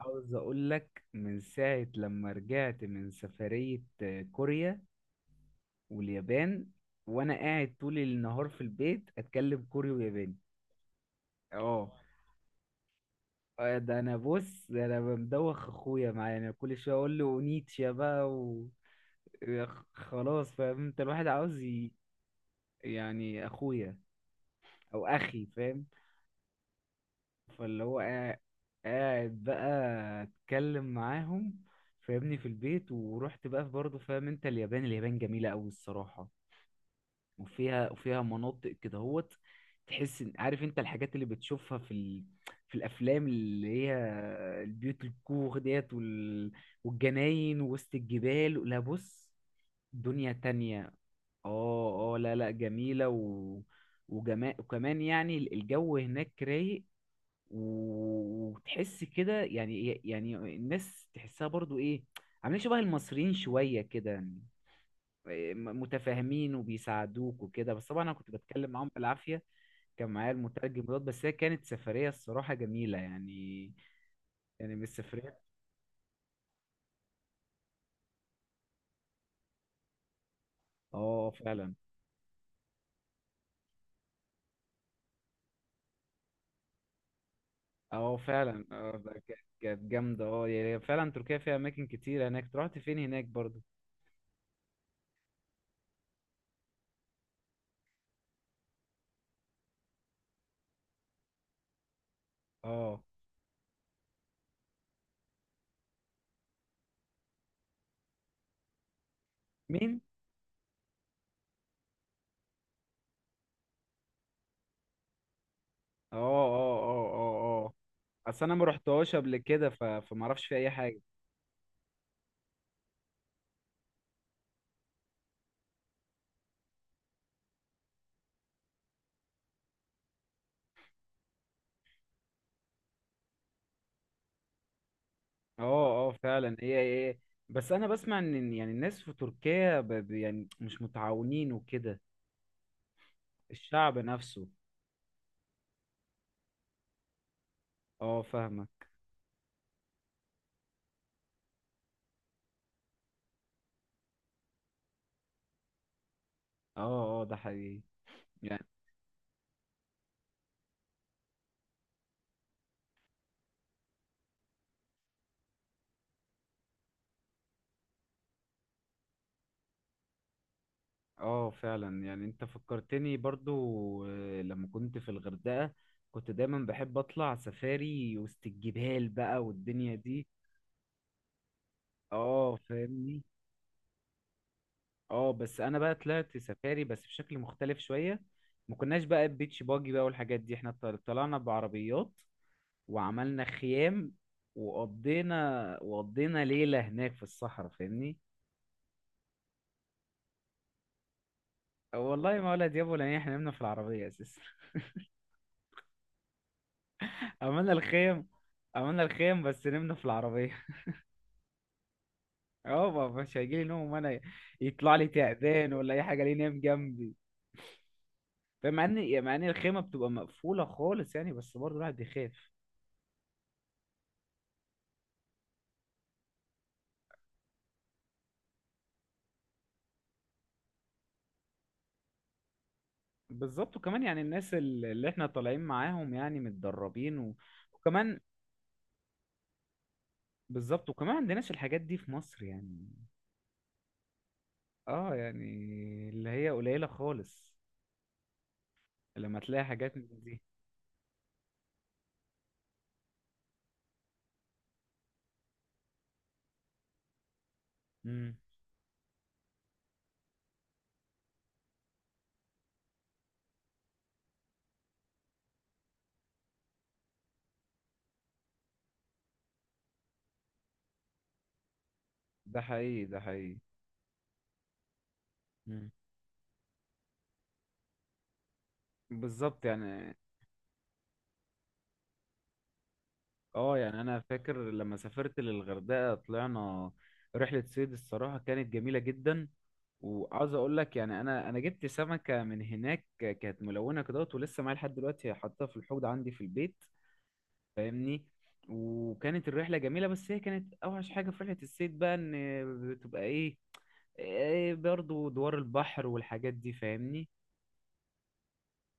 عاوز اقول لك من ساعة لما رجعت من سفرية كوريا واليابان، وانا قاعد طول النهار في البيت اتكلم كوري وياباني. اه، ده انا بص، ده انا مدوخ اخويا معايا، انا كل شوية اقول له اونيتشا بقى و... خلاص فاهم انت، الواحد عاوز ي... يعني اخويا، او اخي، فاهم؟ فاللي هو قاعد، قاعد بقى، اتكلم معاهم، فاهمني، في البيت. ورحت بقى برضه، فاهم انت، اليابان جميلة قوي الصراحة. وفيها مناطق كده هوت، عارف انت الحاجات اللي بتشوفها في الافلام، اللي هي البيوت الكوخ ديت والجناين وسط الجبال. لا بص، دنيا تانية. اه اه، لا لا، جميلة وكمان يعني الجو هناك رايق. وتحس كده، يعني الناس تحسها برضو ايه، عاملين شبه المصريين شوية كده يعني. إيه، متفاهمين وبيساعدوك وكده، بس طبعا انا كنت بتكلم معاهم بالعافية. كان معايا المترجم دوت، بس هي كانت سفرية الصراحة جميلة يعني، يعني من السفريات. اه فعلا. اه فعلا، اه، ده كانت جامدة، اه، يعني فعلا تركيا فيها اماكن كتير هناك. أنت رحت فين هناك برضو؟ اه، مين؟ اه اه اه اه اه. اصل انا ما رحتهاش قبل كده، ف... فما اعرفش في اي حاجة. اه اه فعلا، هي ايه، بس انا بسمع ان، إن يعني الناس في تركيا، ب... ب- يعني مش متعاونين وكده. الشعب نفسه، اه، فاهمة. اه اه، ده حقيقي يعني. اه فعلا، يعني انت فكرتني برضو، لما كنت في الغردقة كنت دايما بحب اطلع سفاري وسط الجبال بقى والدنيا دي. اه فاهمني. اه، بس انا بقى طلعت سفاري بس بشكل مختلف شوية، ما كناش بقى بيتش باجي بقى والحاجات دي، احنا طلعنا بعربيات وعملنا خيام، وقضينا ليلة هناك في الصحراء، فاهمني. والله ما ولا دياب ولا إيه، احنا نمنا في العربية اساسا عملنا الخيم، عملنا الخيم بس نمنا في العربية اه، مش هيجيلي نوم وانا يطلع لي تعبان ولا اي حاجة ليه نام جنبي. فاهم، مع ان الخيمة بتبقى مقفولة خالص يعني، بس برضه الواحد بيخاف. بالظبط، وكمان يعني الناس اللي احنا طالعين معاهم يعني متدربين و... وكمان، بالظبط، وكمان عندناش الحاجات دي في مصر يعني، اه يعني اللي هي قليلة خالص لما تلاقي حاجات من دي. امم، ده حقيقي، ده حقيقي. مم. بالظبط يعني. اه يعني انا فاكر لما سافرت للغردقة طلعنا رحلة صيد الصراحة كانت جميلة جدا. وعاوز اقول لك يعني، انا جبت سمكة من هناك كانت ملونة كده ولسه معايا لحد دلوقتي، حاطاها في الحوض عندي في البيت، فاهمني. وكانت الرحلة جميلة، بس هي كانت اوحش حاجة في رحلة الصيد بقى ان بتبقى ايه، إيه برضو دوار البحر والحاجات دي، فاهمني.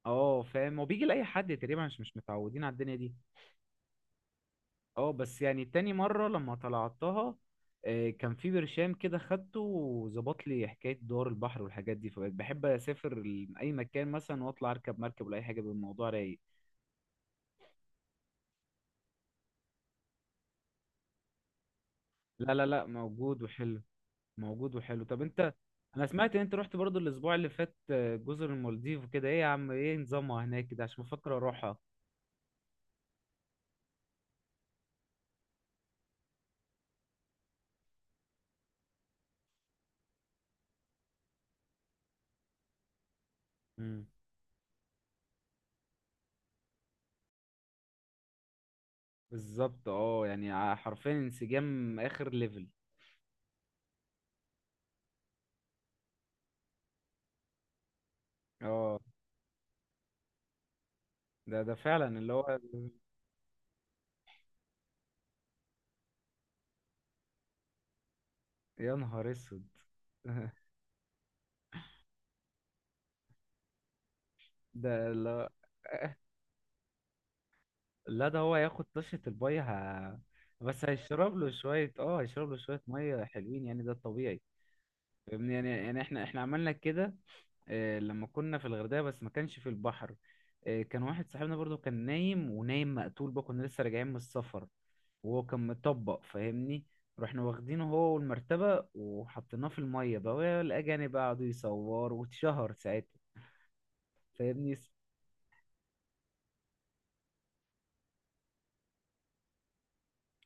اه فاهم، هو بيجي لأي حد تقريبا، مش متعودين على الدنيا دي. اه، بس يعني تاني مرة لما طلعتها، إيه، كان في برشام كده خدته وظبط لي حكاية دوار البحر والحاجات دي، فبقيت بحب أسافر ل- أي مكان مثلا وأطلع أركب مركب ولا أي حاجة بالموضوع رايق. لا، موجود وحلو، موجود وحلو. طب أنت، أنا سمعت إن أنت رحت برضو الأسبوع اللي فات جزر المالديف وكده، إيه يا عم، إيه نظامها هناك كده عشان بفكر أروحها؟ مم. بالظبط اه، يعني حرفيا انسجام اخر ليفل. اه ده ده فعلا اللي هو، يا نهار اسود ده لا لا، ده هو هياخد طشة الباي ه... بس هيشرب له شوية، اه هيشرب له شوية مية، حلوين يعني، ده الطبيعي. فاهمني، يعني يعني احنا عملنا كده، لما كنا في الغردقة بس ما كانش في البحر. كان واحد صاحبنا برضو كان نايم، ونايم مقتول بقى، كنا لسه راجعين من السفر وهو كان مطبق، فاهمني. رحنا واخدينه هو والمرتبة، وحطيناه في المية بقى، والأجانب بقى قعدوا يصوروا واتشهر ساعتها، فاهمني.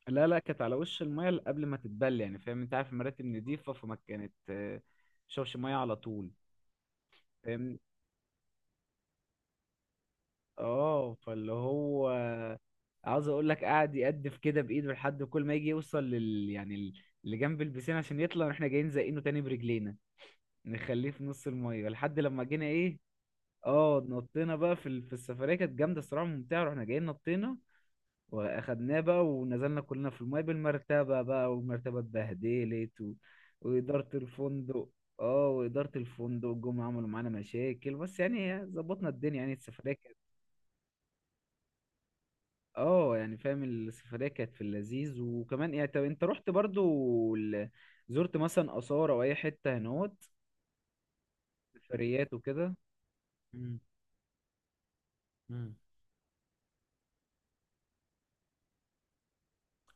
لا لا، كانت على وش المية قبل ما تتبل، يعني فاهم انت، عارف المراتب نضيفة، فما كانت شوش مية على طول. فاهمني. اه فاللي هو، عاوز اقول لك قاعد يقدف كده بايده لحد كل ما يجي يوصل لل يعني اللي جنب البسين عشان يطلع، واحنا جايين زقينه تاني برجلينا، نخليه في نص الميه لحد لما جينا ايه. اه نطينا بقى في في السفريه كانت جامده الصراحه، ممتعه، رحنا جايين نطينا، واخدناه بقى ونزلنا كلنا في الميه بالمرتبه بقى، والمرتبه اتبهدلت و... واداره الفندق. اه واداره الفندق جم عملوا معانا مشاكل، بس يعني ظبطنا الدنيا، يعني السفريه. اه يعني، فاهم، السفرية كانت في اللذيذ. وكمان يعني، طب انت رحت برضو زرت مثلا آثار او اي حتة هنوت؟ سفريات وكده؟ مم. مم.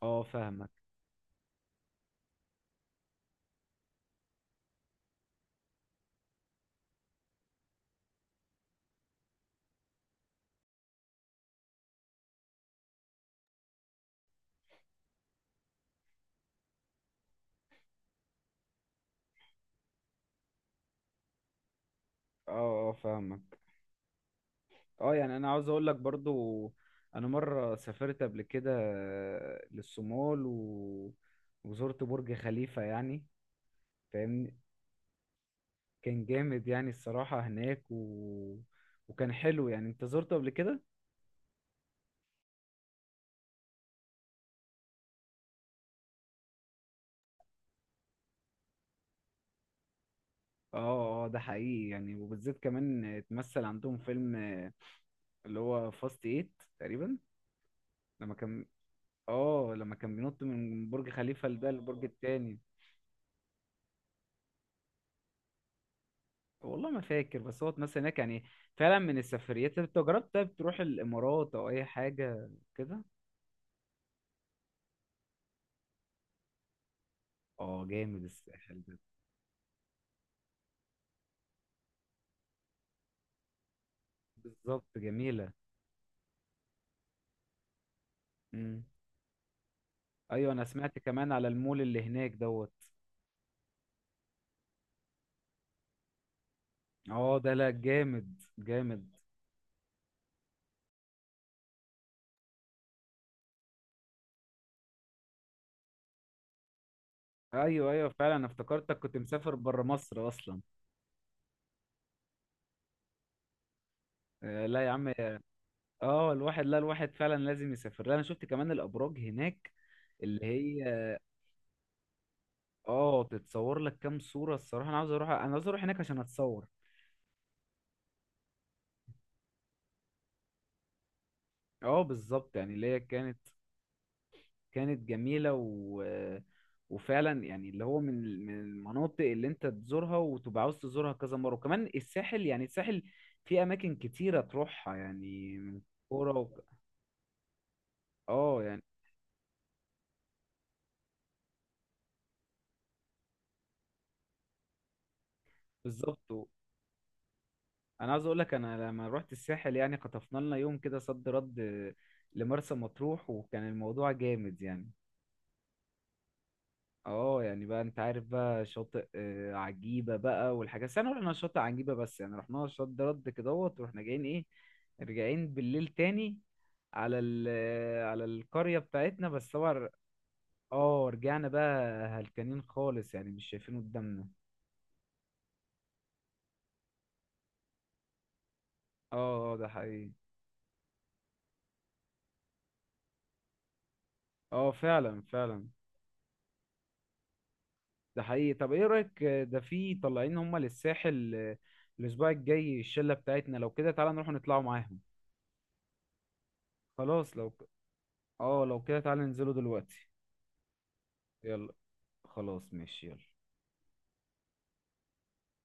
اه فاهمك. اه اه فاهمك. اه يعني انا عاوز اقول لك برضو، انا مرة سافرت قبل كده للصومال و... وزرت برج خليفة يعني، فاهمني، كان جامد يعني الصراحة هناك و... وكان حلو يعني. انت زرته قبل كده؟ اه اه ده حقيقي يعني، وبالذات كمان اتمثل عندهم فيلم اللي هو فاست ايت تقريبا، لما كان، اه لما كان بينط من برج خليفة لده للبرج التاني. والله ما فاكر، بس هو اتمثل هناك يعني. فعلا من السفريات. طب انت جربت طيب تروح الامارات او اي حاجة كده؟ اه جامد الساحل ده. بالظبط، جميلة. امم، ايوه. انا سمعت كمان على المول اللي هناك دوت. اه ده لا جامد جامد. ايوه ايوه فعلا، انا افتكرتك كنت مسافر بره مصر اصلا. لا يا عم. اه الواحد، لا الواحد فعلا لازم يسافر. لا انا شفت كمان الابراج هناك اللي هي، اه تتصور لك كام صورة الصراحة. انا عاوز اروح، انا عاوز اروح هناك عشان اتصور. اه بالظبط يعني، اللي هي كانت، كانت جميلة و... وفعلا يعني اللي هو، من المناطق اللي انت تزورها وتبقى عاوز تزورها كذا مرة. وكمان الساحل، يعني الساحل في اماكن كتيرة تروحها يعني، من كورة و... اه يعني، بالظبط. انا عاوز اقول لك، انا لما رحت الساحل يعني خطفنا لنا يوم كده صد رد لمرسى مطروح، وكان الموضوع جامد يعني. اه يعني بقى انت عارف بقى شاطئ عجيبة بقى والحاجات، بس انا رحنا شاطئ عجيبة، بس يعني رحنا صد رد كدهوت، ورحنا جايين ايه، راجعين بالليل تاني على ال، على القرية بتاعتنا، بس طبعا اه رجعنا بقى هلكانين خالص، يعني مش شايفين قدامنا. اه، ده حقيقي. اه فعلا فعلا. ده حقيقي. طب ايه رأيك، ده في طالعين هما للساحل الاسبوع الجاي الشلة بتاعتنا، لو كده تعالى نروح نطلعوا معاهم؟ خلاص لو ك... اه لو كده تعالى ننزلوا دلوقتي. يلا، خلاص ماشي، يلا.